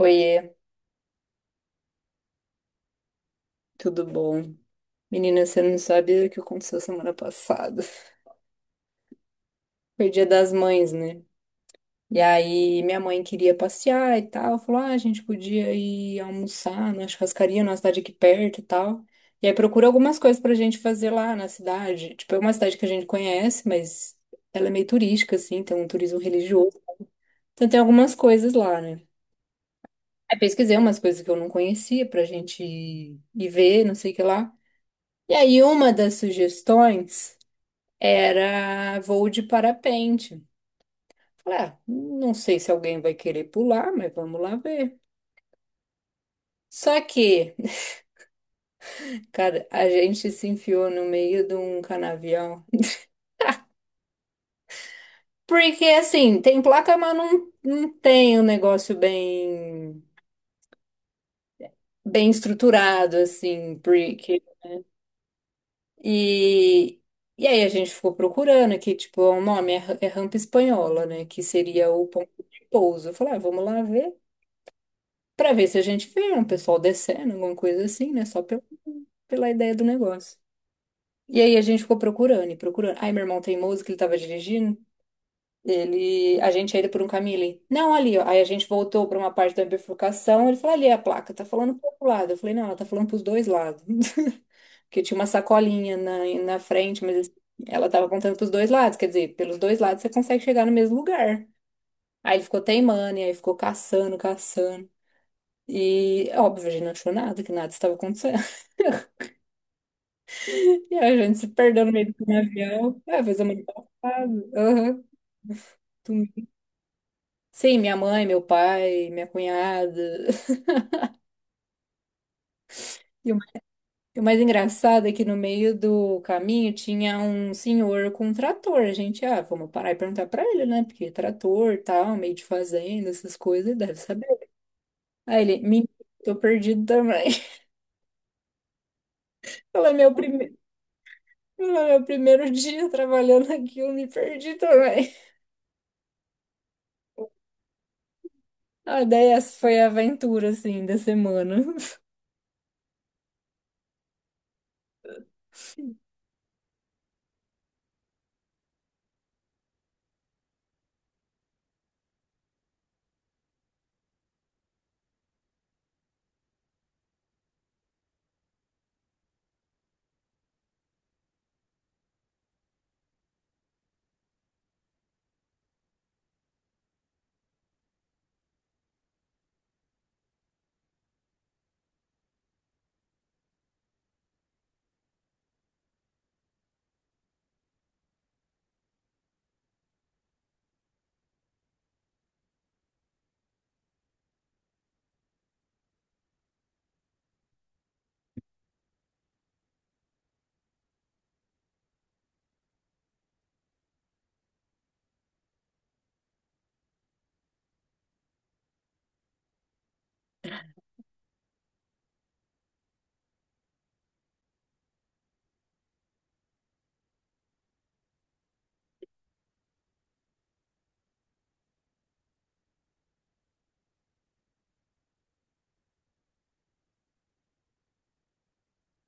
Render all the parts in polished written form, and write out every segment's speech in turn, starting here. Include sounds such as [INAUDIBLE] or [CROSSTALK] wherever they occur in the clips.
Oiê, tudo bom? Menina, você não sabe o que aconteceu semana passada. Foi dia das mães, né? E aí minha mãe queria passear e tal, falou, ah, a gente podia ir almoçar na churrascaria, na cidade aqui perto e tal. E aí procura algumas coisas pra gente fazer lá na cidade. Tipo, é uma cidade que a gente conhece, mas ela é meio turística, assim, tem um turismo religioso. Então tem algumas coisas lá, né? Aí pesquisei umas coisas que eu não conhecia pra gente ir ver, não sei o que lá. E aí uma das sugestões era voo de parapente. Falei, ah, não sei se alguém vai querer pular, mas vamos lá ver. Só que, [LAUGHS] cara, a gente se enfiou no meio de um canavial. Porque, assim, tem placa, mas não, não tem um negócio bem estruturado, assim, porque... E, e aí a gente ficou procurando aqui, tipo, o nome é, é rampa espanhola, né? Que seria o ponto de pouso. Eu falei, ah, vamos lá ver. Pra ver se a gente vê um pessoal descendo, alguma coisa assim, né? Só pela ideia do negócio. E aí a gente ficou procurando e procurando. Aí meu irmão teimoso que ele tava dirigindo, ele, a gente ia indo por um caminho ali. Não, ali, ó. Aí a gente voltou pra uma parte da bifurcação, ele falou, ali é a placa, tá falando pro outro lado. Eu falei, não, ela tá falando pros dois lados. [LAUGHS] Porque tinha uma sacolinha na frente, mas assim, ela tava apontando pros dois lados. Quer dizer, pelos dois lados você consegue chegar no mesmo lugar. Aí ele ficou teimando, e aí ficou caçando, caçando. E, óbvio, a gente não achou nada, que nada estava acontecendo. [LAUGHS] E a gente se perdeu no meio do canavial. É, fez a mãe passada. Aham. Tu- Sim, minha mãe, meu pai, minha cunhada. [LAUGHS] E o mais engraçado é que no meio do caminho tinha um senhor com um trator. A gente, ah, vamos parar e perguntar pra ele, né? Porque trator, tal, meio de fazenda, essas coisas, deve saber. Aí ele, me tô perdido também. [LAUGHS] Ela é meu primeiro. Ela é Meu primeiro dia trabalhando aqui, eu me perdi também. A ideia é essa, foi a aventura, assim, da semana.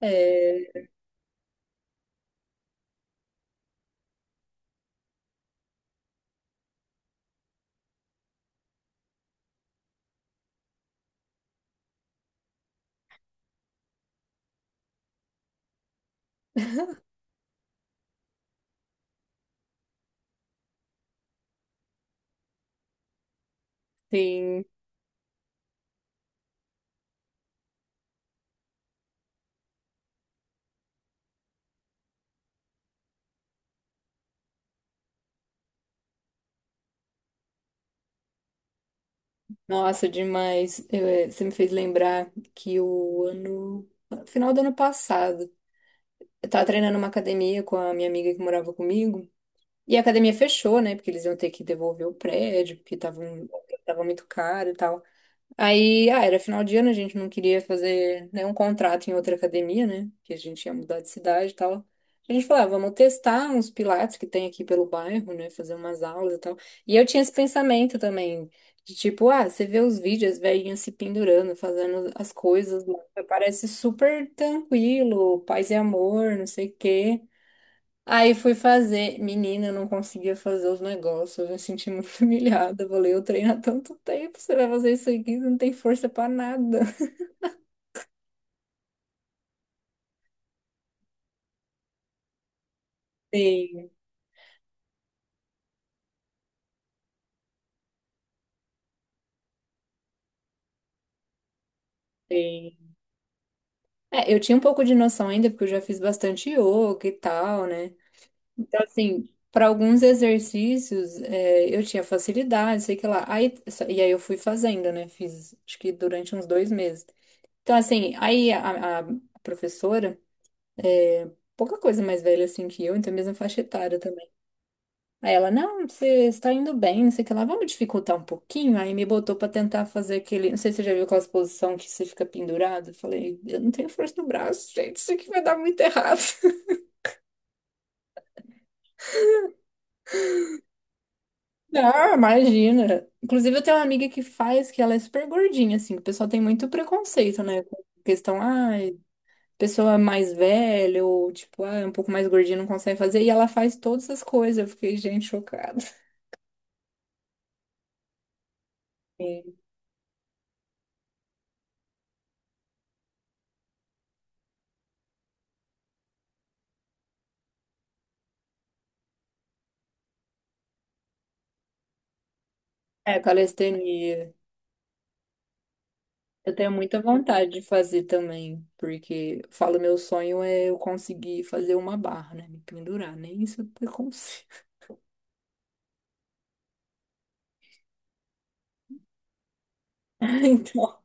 É, sim. Nossa, demais. Você me fez lembrar que o ano... Final do ano passado, eu tava treinando uma academia com a minha amiga que morava comigo. E a academia fechou, né? Porque eles iam ter que devolver o prédio, porque tava, tava muito caro e tal. Aí, ah, era final de ano, a gente não queria fazer nenhum contrato em outra academia, né? Que a gente ia mudar de cidade e tal. A gente falou, ah, vamos testar uns pilates que tem aqui pelo bairro, né? Fazer umas aulas e tal. E eu tinha esse pensamento também, de tipo, ah, você vê os vídeos, as velhinhas se pendurando, fazendo as coisas lá. Parece super tranquilo, paz e amor, não sei o quê. Aí fui fazer. Menina, eu não conseguia fazer os negócios. Eu me senti muito [LAUGHS] humilhada. Eu falei, eu treino há tanto tempo, você vai fazer isso aqui, você não tem força pra nada. [LAUGHS] Sim, sim. É, eu tinha um pouco de noção ainda, porque eu já fiz bastante yoga e tal, né? Então, assim, para alguns exercícios, é, eu tinha facilidade, sei que lá. Aí, e aí eu fui fazendo, né? Fiz, acho que durante uns 2 meses. Então, assim, aí a professora, é, pouca coisa mais velha assim que eu, então mesma faixa etária. Aí ela, não, você está indo bem, não sei o que lá, vamos dificultar um pouquinho. Aí me botou pra tentar fazer aquele. Não sei se você já viu aquela posição que você fica pendurado. Eu falei, eu não tenho força no braço, gente, isso aqui vai dar muito errado. [LAUGHS] Não, imagina. Inclusive, eu tenho uma amiga que faz, que ela é super gordinha, assim, que o pessoal tem muito preconceito, né? Com questão, ai, pessoa mais velha, ou tipo, ah, é um pouco mais gordinha, não consegue fazer. E ela faz todas as coisas. Eu fiquei, gente, chocada. [LAUGHS] Sim. É, calistenia. Eu tenho muita vontade de fazer também, porque eu falo, meu sonho é eu conseguir fazer uma barra, né? Me pendurar, nem isso eu consigo. [LAUGHS] Então,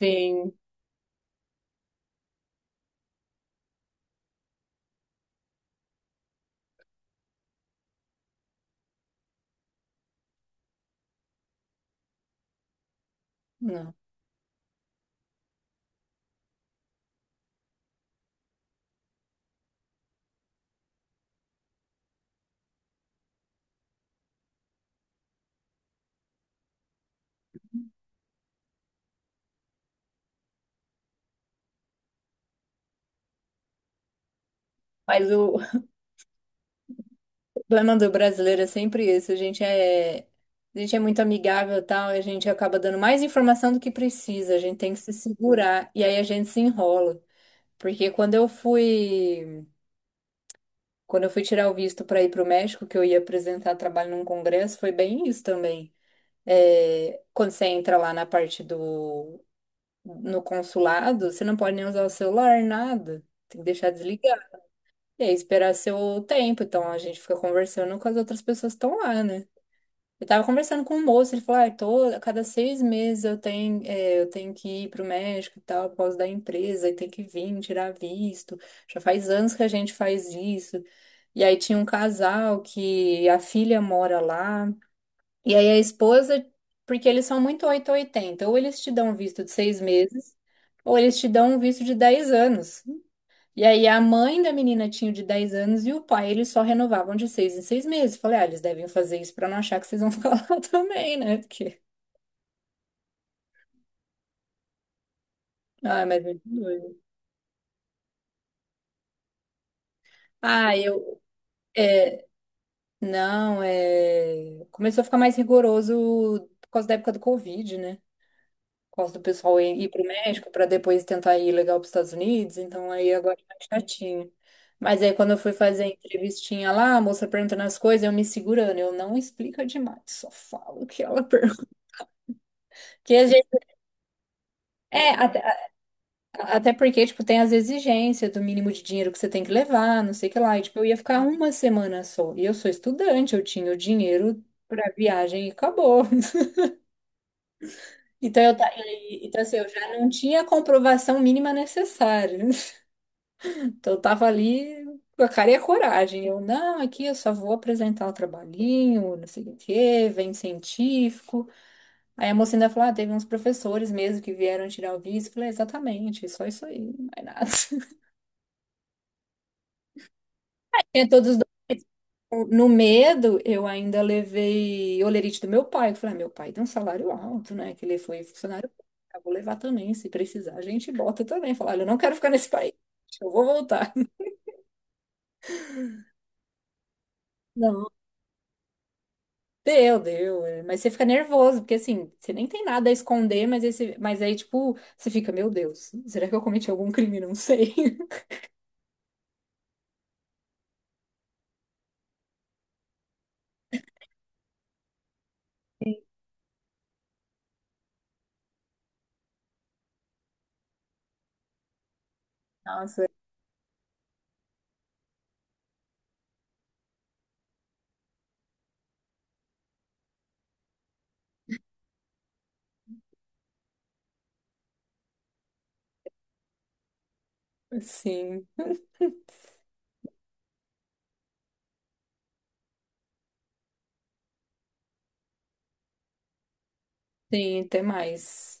sim, não. Mas o [LAUGHS] problema do brasileiro é sempre esse, a gente é muito amigável e tal, e a gente acaba dando mais informação do que precisa, a gente tem que se segurar, e aí a gente se enrola. Porque quando eu fui tirar o visto para ir para o México, que eu ia apresentar trabalho num congresso, foi bem isso também. É, quando você entra lá na parte do no consulado, você não pode nem usar o celular, nada. Tem que deixar desligado e aí esperar seu tempo. Então a gente fica conversando com as outras pessoas que estão lá, né? Eu tava conversando com um moço, ele falou, ah, tô, a cada 6 meses eu tenho, é, eu tenho que ir pro México e tal, por causa da empresa, e tem que vir, tirar visto. Já faz anos que a gente faz isso. E aí tinha um casal que a filha mora lá. E aí a esposa, porque eles são muito 880, ou oitenta, ou eles te dão um visto de 6 meses, ou eles te dão um visto de 10 anos. E aí a mãe da menina tinha o de 10 anos e o pai, eles só renovavam de 6 em 6 meses. Falei, ah, eles devem fazer isso pra não achar que vocês vão [LAUGHS] ficar lá também, né? Porque... Ah, mas é muito doido. Ah, eu... É, não, é... Começou a ficar mais rigoroso por causa da época do Covid, né? Gosto do pessoal ir para o México para depois tentar ir legal para os Estados Unidos, então aí agora é mais chatinho. Mas aí quando eu fui fazer a entrevistinha lá, a moça perguntando as coisas, eu me segurando, eu não explico demais, só falo o que ela [LAUGHS] pergunta. Porque, às vezes- É, até porque, tipo, tem as exigências do mínimo de dinheiro que você tem que levar, não sei o que lá, e tipo, eu ia ficar uma semana só, e eu sou estudante, eu tinha o dinheiro para viagem e acabou. [LAUGHS] Então, então, assim, eu já não tinha a comprovação mínima necessária. Então, eu tava ali com a cara e a coragem. Eu, não, aqui eu só vou apresentar o trabalhinho, não sei o quê, vem científico. Aí a moça ainda falou, ah, teve uns professores mesmo que vieram tirar o visto. Eu falei, exatamente, só isso aí, não é nada. [LAUGHS] Tinha todos os documentos. No medo, eu ainda levei olerite do meu pai. Eu falei, ah, meu pai tem um salário alto, né? Que ele foi funcionário público. Eu vou levar também, se precisar, a gente bota também. Falar, olha, eu não quero ficar nesse país, eu vou voltar. [LAUGHS] Não. Deu, deu. É, mas você fica nervoso, porque assim, você nem tem nada a esconder, mas, esse, mas aí, tipo, você fica, meu Deus, será que eu cometi algum crime? Não sei. [LAUGHS] Nossa, sim. Sim, até mais.